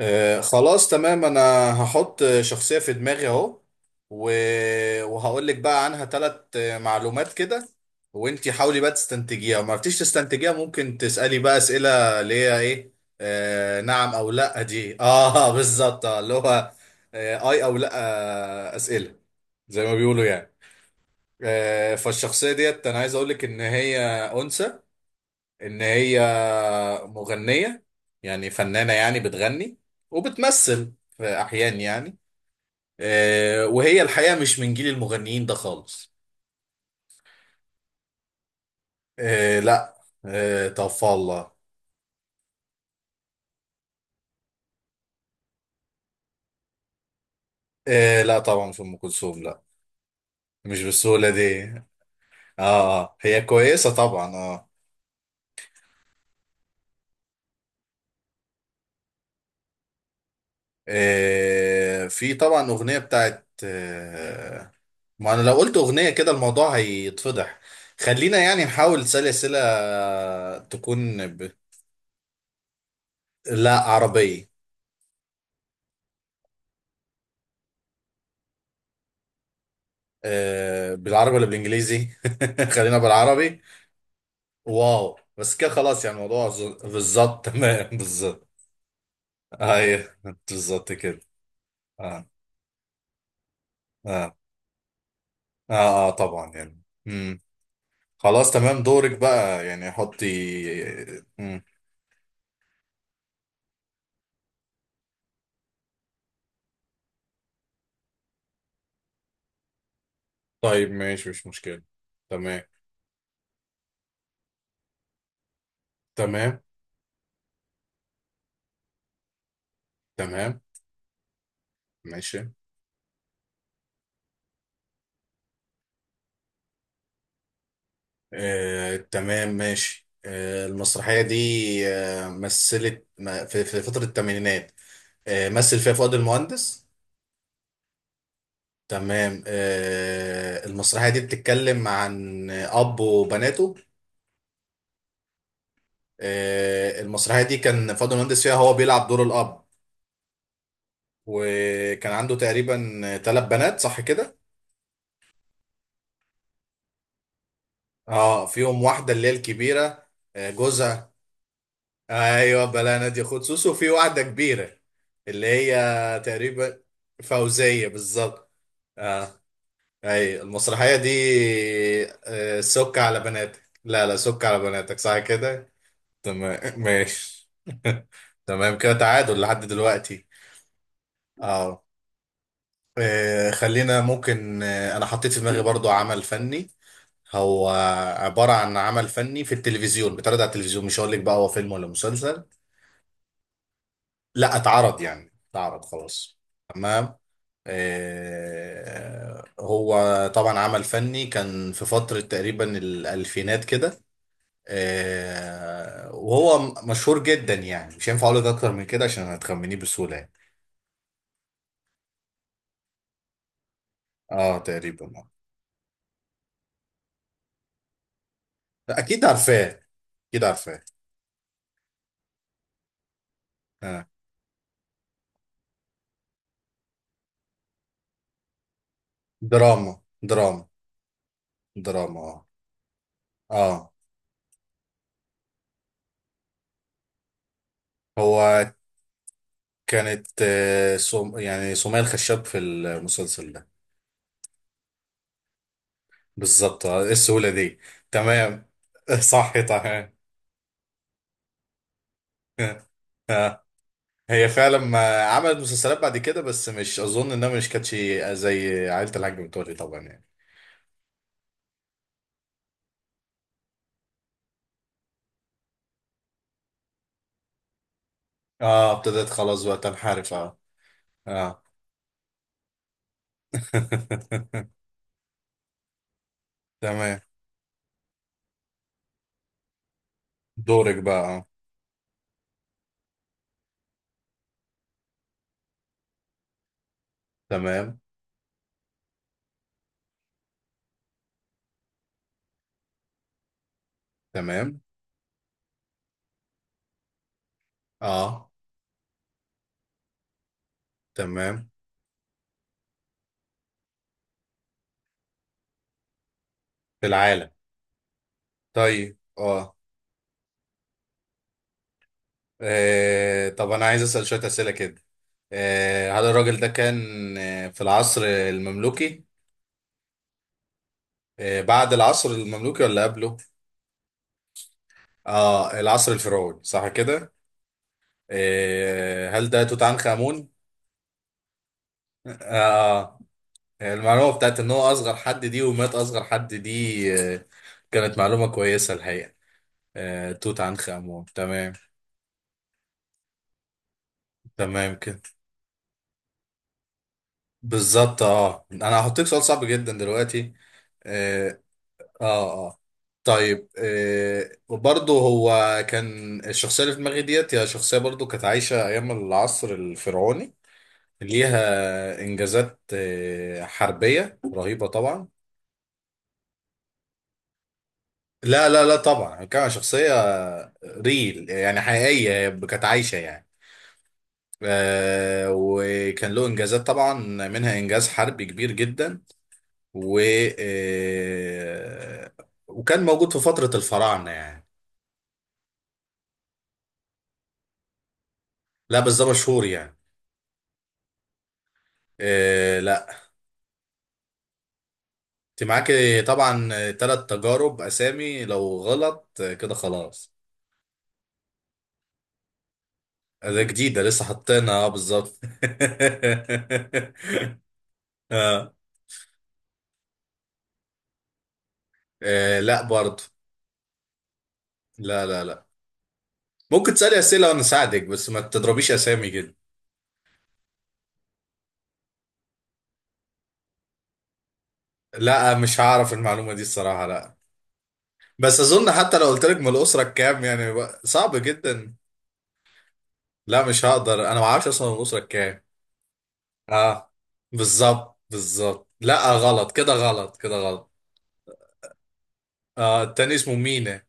خلاص تمام. انا هحط شخصية في دماغي اهو و... وهقول لك بقى عنها ثلاث معلومات كده، وانتي حاولي بقى تستنتجيها، ما عرفتيش تستنتجيها ممكن تسألي بقى أسئلة اللي هي ايه، نعم او لا دي اه بالظبط، اللي هو اي او لا. أسئلة زي ما بيقولوا يعني. فالشخصية ديت انا عايز اقول لك ان هي أنثى، ان هي مغنية، يعني فنانة يعني بتغني وبتمثل في احيان يعني. وهي الحقيقة مش من جيل المغنيين ده خالص. لا، توفى الله. لا طبعا مش ام كلثوم، لا. مش بالسهولة دي اه. هي كويسة طبعا اه. في طبعا اغنية بتاعت ما انا لو قلت اغنية كده الموضوع هيتفضح. خلينا يعني نحاول سلسلة تكون. لا عربية. بالعربي ولا بالانجليزي؟ خلينا بالعربي. واو، بس كده خلاص يعني الموضوع بالظبط. تمام بالظبط. ايوه بالظبط كده. اه. اه. اه, طبعا يعني خلاص تمام، دورك بقى يعني حطي. مم. طيب ماشي مش مشكلة. تمام. تمام. تمام ماشي. تمام ماشي. المسرحية دي مثلت في فترة الثمانينات. مثل فيها فؤاد المهندس. تمام. المسرحية دي بتتكلم عن أب وبناته. المسرحية دي كان فؤاد المهندس فيها هو بيلعب دور الأب. وكان عنده تقريبا ثلاث بنات، صح كده؟ اه، فيهم واحدة اللي هي الكبيرة. جوزها. ايوه، بلا نادية خد سوسو، وفي واحدة كبيرة اللي هي تقريبا فوزية بالظبط. آه. اي المسرحية دي؟ سك على بناتك، لا لا سك على بناتك صح كده. تمام ماشي. تمام كده تعادل لحد دلوقتي. اه. خلينا ممكن، انا حطيت في دماغي برضو عمل فني. هو عبارة عن عمل فني في التلفزيون، بيتعرض على التلفزيون، مش هقول لك بقى هو فيلم ولا مسلسل. لا اتعرض، يعني اتعرض خلاص. تمام. هو طبعا عمل فني كان في فترة تقريبا الألفينات كده. وهو مشهور جدا، يعني مش هينفع اقول لك اكتر من كده عشان هتخمنيه بسهوله يعني. اه تقريبا اه. لا، اكيد عارفاه، اكيد عارفاه. آه. دراما. دراما. دراما اه. اه. هو كانت يعني سمية الخشاب في المسلسل ده. بالظبط، ايه السهوله دي؟ تمام. صح تمام. آه. هي فعلا ما عملت مسلسلات بعد كده، بس مش اظن انها مش كانتش زي عائله الحاج متولي طبعا يعني. اه ابتديت خلاص بقى تنحرف اه. اه. تمام دورك بقى اه. تمام. تمام. اه. تمام. في العالم. طيب اه، طب انا عايز اسال شويه اسئله كده. هل الراجل ده كان في العصر المملوكي؟ بعد العصر المملوكي ولا قبله؟ اه العصر الفرعوني صح كده. هل ده توت عنخ امون؟ اه. المعلومة بتاعت ان هو اصغر حد دي ومات اصغر حد دي كانت معلومة كويسة الحقيقة. توت عنخ امون تمام. تمام كده. بالظبط اه، انا هحطيك سؤال صعب جدا دلوقتي. اه. اه. آه. طيب برضه هو كان الشخصية اللي في دماغي ديت هي شخصية برضه كانت عايشة ايام العصر الفرعوني، ليها انجازات حربية رهيبة طبعا. لا لا لا طبعا كان شخصية ريل يعني حقيقية كانت عايشة يعني. وكان له إنجازات طبعا، منها إنجاز حربي كبير جدا، و آه وكان موجود في فترة الفراعنة يعني. لا بس ده مشهور يعني. لا. انت معاك طبعا ثلاث تجارب أسامي لو غلط كده خلاص. ده جديدة لسه حاطينها بالظبط. آه. آه لا برضه. لا. ممكن تسألي أسئلة وأنا أساعدك، بس ما تضربيش أسامي جدا. لا مش هعرف المعلومة دي الصراحة، لا. بس أظن حتى لو قلت لك من الأسرة كام يعني صعب جدا. لا مش هقدر، أنا ما أعرفش أصلا من الأسرة كام. أه بالظبط بالظبط، لا غلط كده غلط كده غلط. أه التاني اسمه مينا.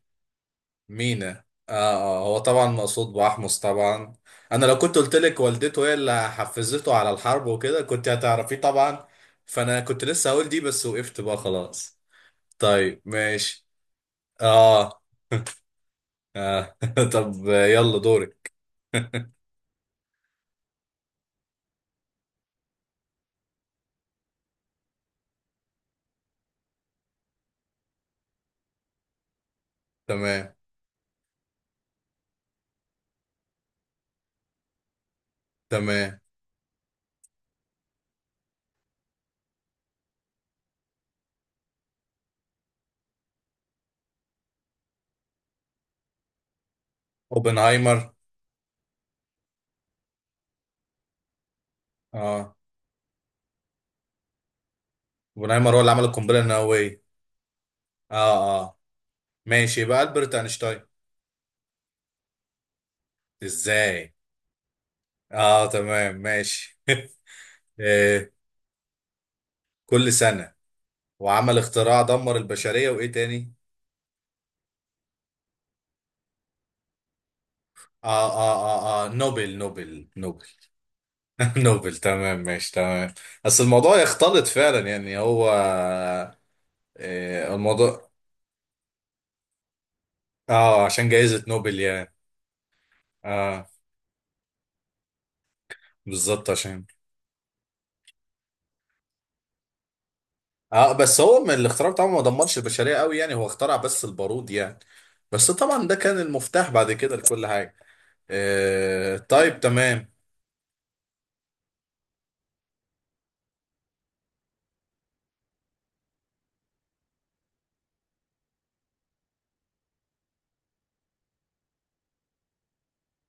مينا أه، هو طبعا مقصود بأحمص طبعا. أنا لو كنت قلت لك والدته هي اللي حفزته على الحرب وكده كنت هتعرفيه طبعا. فأنا كنت لسه هقول دي بس وقفت بقى خلاص. طيب ماشي. اه. آه. طب يلا دورك. تمام. تمام. اوبنهايمر. اه اوبنهايمر هو اللي عمل القنبله النوويه. اه اه ماشي، يبقى البرت اينشتاين. ازاي؟ اه تمام ماشي. آه. كل سنه وعمل اختراع دمر البشريه، وايه تاني؟ اه. اه. اه اه نوبل نوبل نوبل. نوبل تمام ماشي تمام. بس الموضوع يختلط فعلا يعني هو الموضوع. اه عشان جائزة نوبل يعني. اه بالظبط عشان اه. بس هو من الاختراع بتاعه ما دمرش البشرية قوي يعني، هو اخترع بس البارود يعني، بس طبعا ده كان المفتاح بعد كده لكل حاجة. طيب تمام.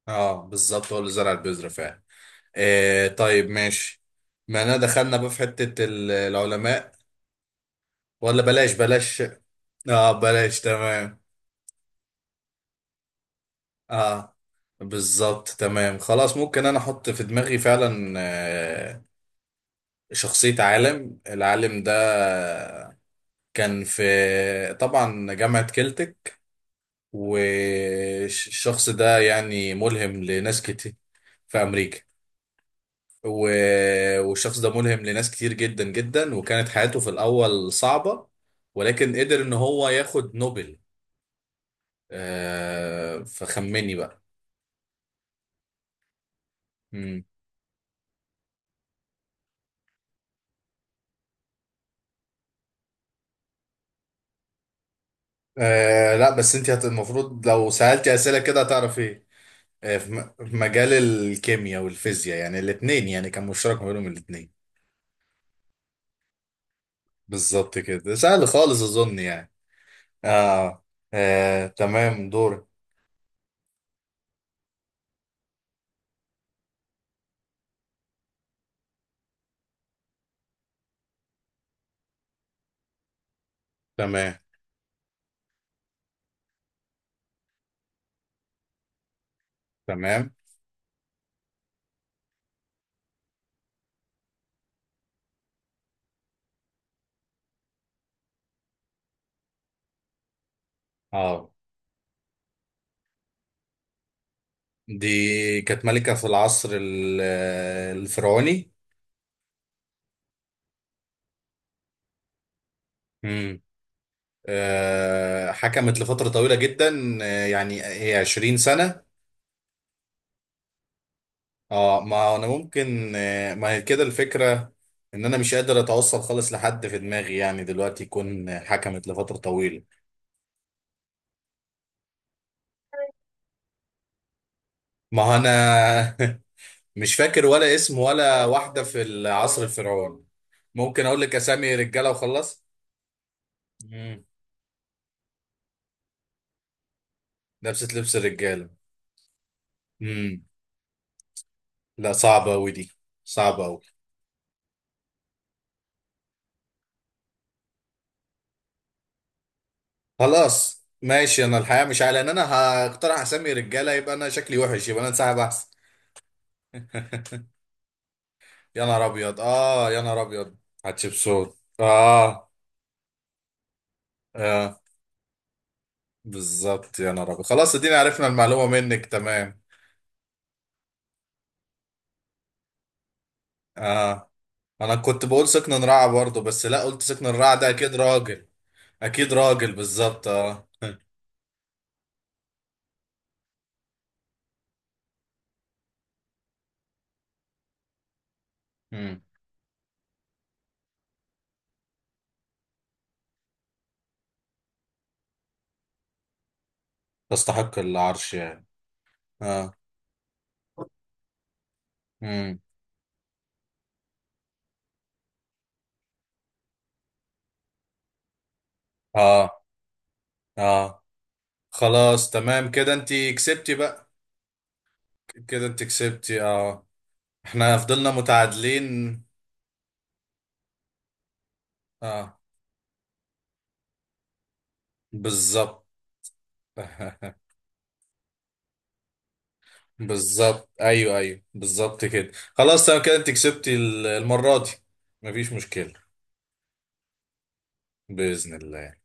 اه بالظبط هو اللي زرع البذرة فعلا. طيب ماشي. ما انا دخلنا بقى في حتة العلماء ولا بلاش. اه بلاش تمام. اه بالظبط تمام خلاص. ممكن انا احط في دماغي فعلا شخصية عالم. العالم ده كان في طبعا جامعة كلتك، والشخص ده يعني ملهم لناس كتير في أمريكا. والشخص ده ملهم لناس كتير جدا جدا، وكانت حياته في الأول صعبة ولكن قدر إن هو ياخد نوبل. فخمني بقى. مم. آه لا بس أنت المفروض لو سألتي أسئلة كده هتعرف إيه. في في مجال الكيمياء والفيزياء يعني الاتنين، يعني كان مشترك ما بينهم الاتنين. بالظبط كده، سهل خالص أظن يعني. آه. تمام دوري. تمام. تمام. اه. دي كانت ملكة في العصر الفرعوني. امم. حكمت لفترة طويلة جدا، يعني هي 20 سنة. اه ما هو انا ممكن ما هي كده الفكرة، ان انا مش قادر اتوصل خالص لحد في دماغي يعني دلوقتي يكون حكمت لفترة طويلة. ما هو انا مش فاكر ولا اسم ولا واحدة في العصر الفرعوني. ممكن اقول لك اسامي رجالة وخلاص. مم. نفس لبس الرجاله. امم. لا صعبه قوي دي، صعبه قوي. خلاص ماشي، انا الحقيقه مش عارف، لان انا هقترح اسمي رجاله يبقى انا شكلي وحش، يبقى انا انسحب احسن. يا نهار ابيض اه يا نهار ابيض. هتشبسوت اه. اه بالظبط يا نهار ابيض، خلاص ادينا عرفنا المعلومه منك تمام. اه انا كنت بقول سكن الرعا برضه، بس لا قلت سكن الرعا ده اكيد راجل. اكيد راجل بالظبط اه. مم. تستحق العرش يعني. اه. مم. اه. اه خلاص تمام كده انتي كسبتي بقى. كده انتي كسبتي اه. احنا فضلنا متعادلين. اه بالظبط. بالظبط ايوه ايوه بالظبط كده، خلاص تمام كده انتي كسبتي المرة دي. مفيش مشكلة. بإذن الله.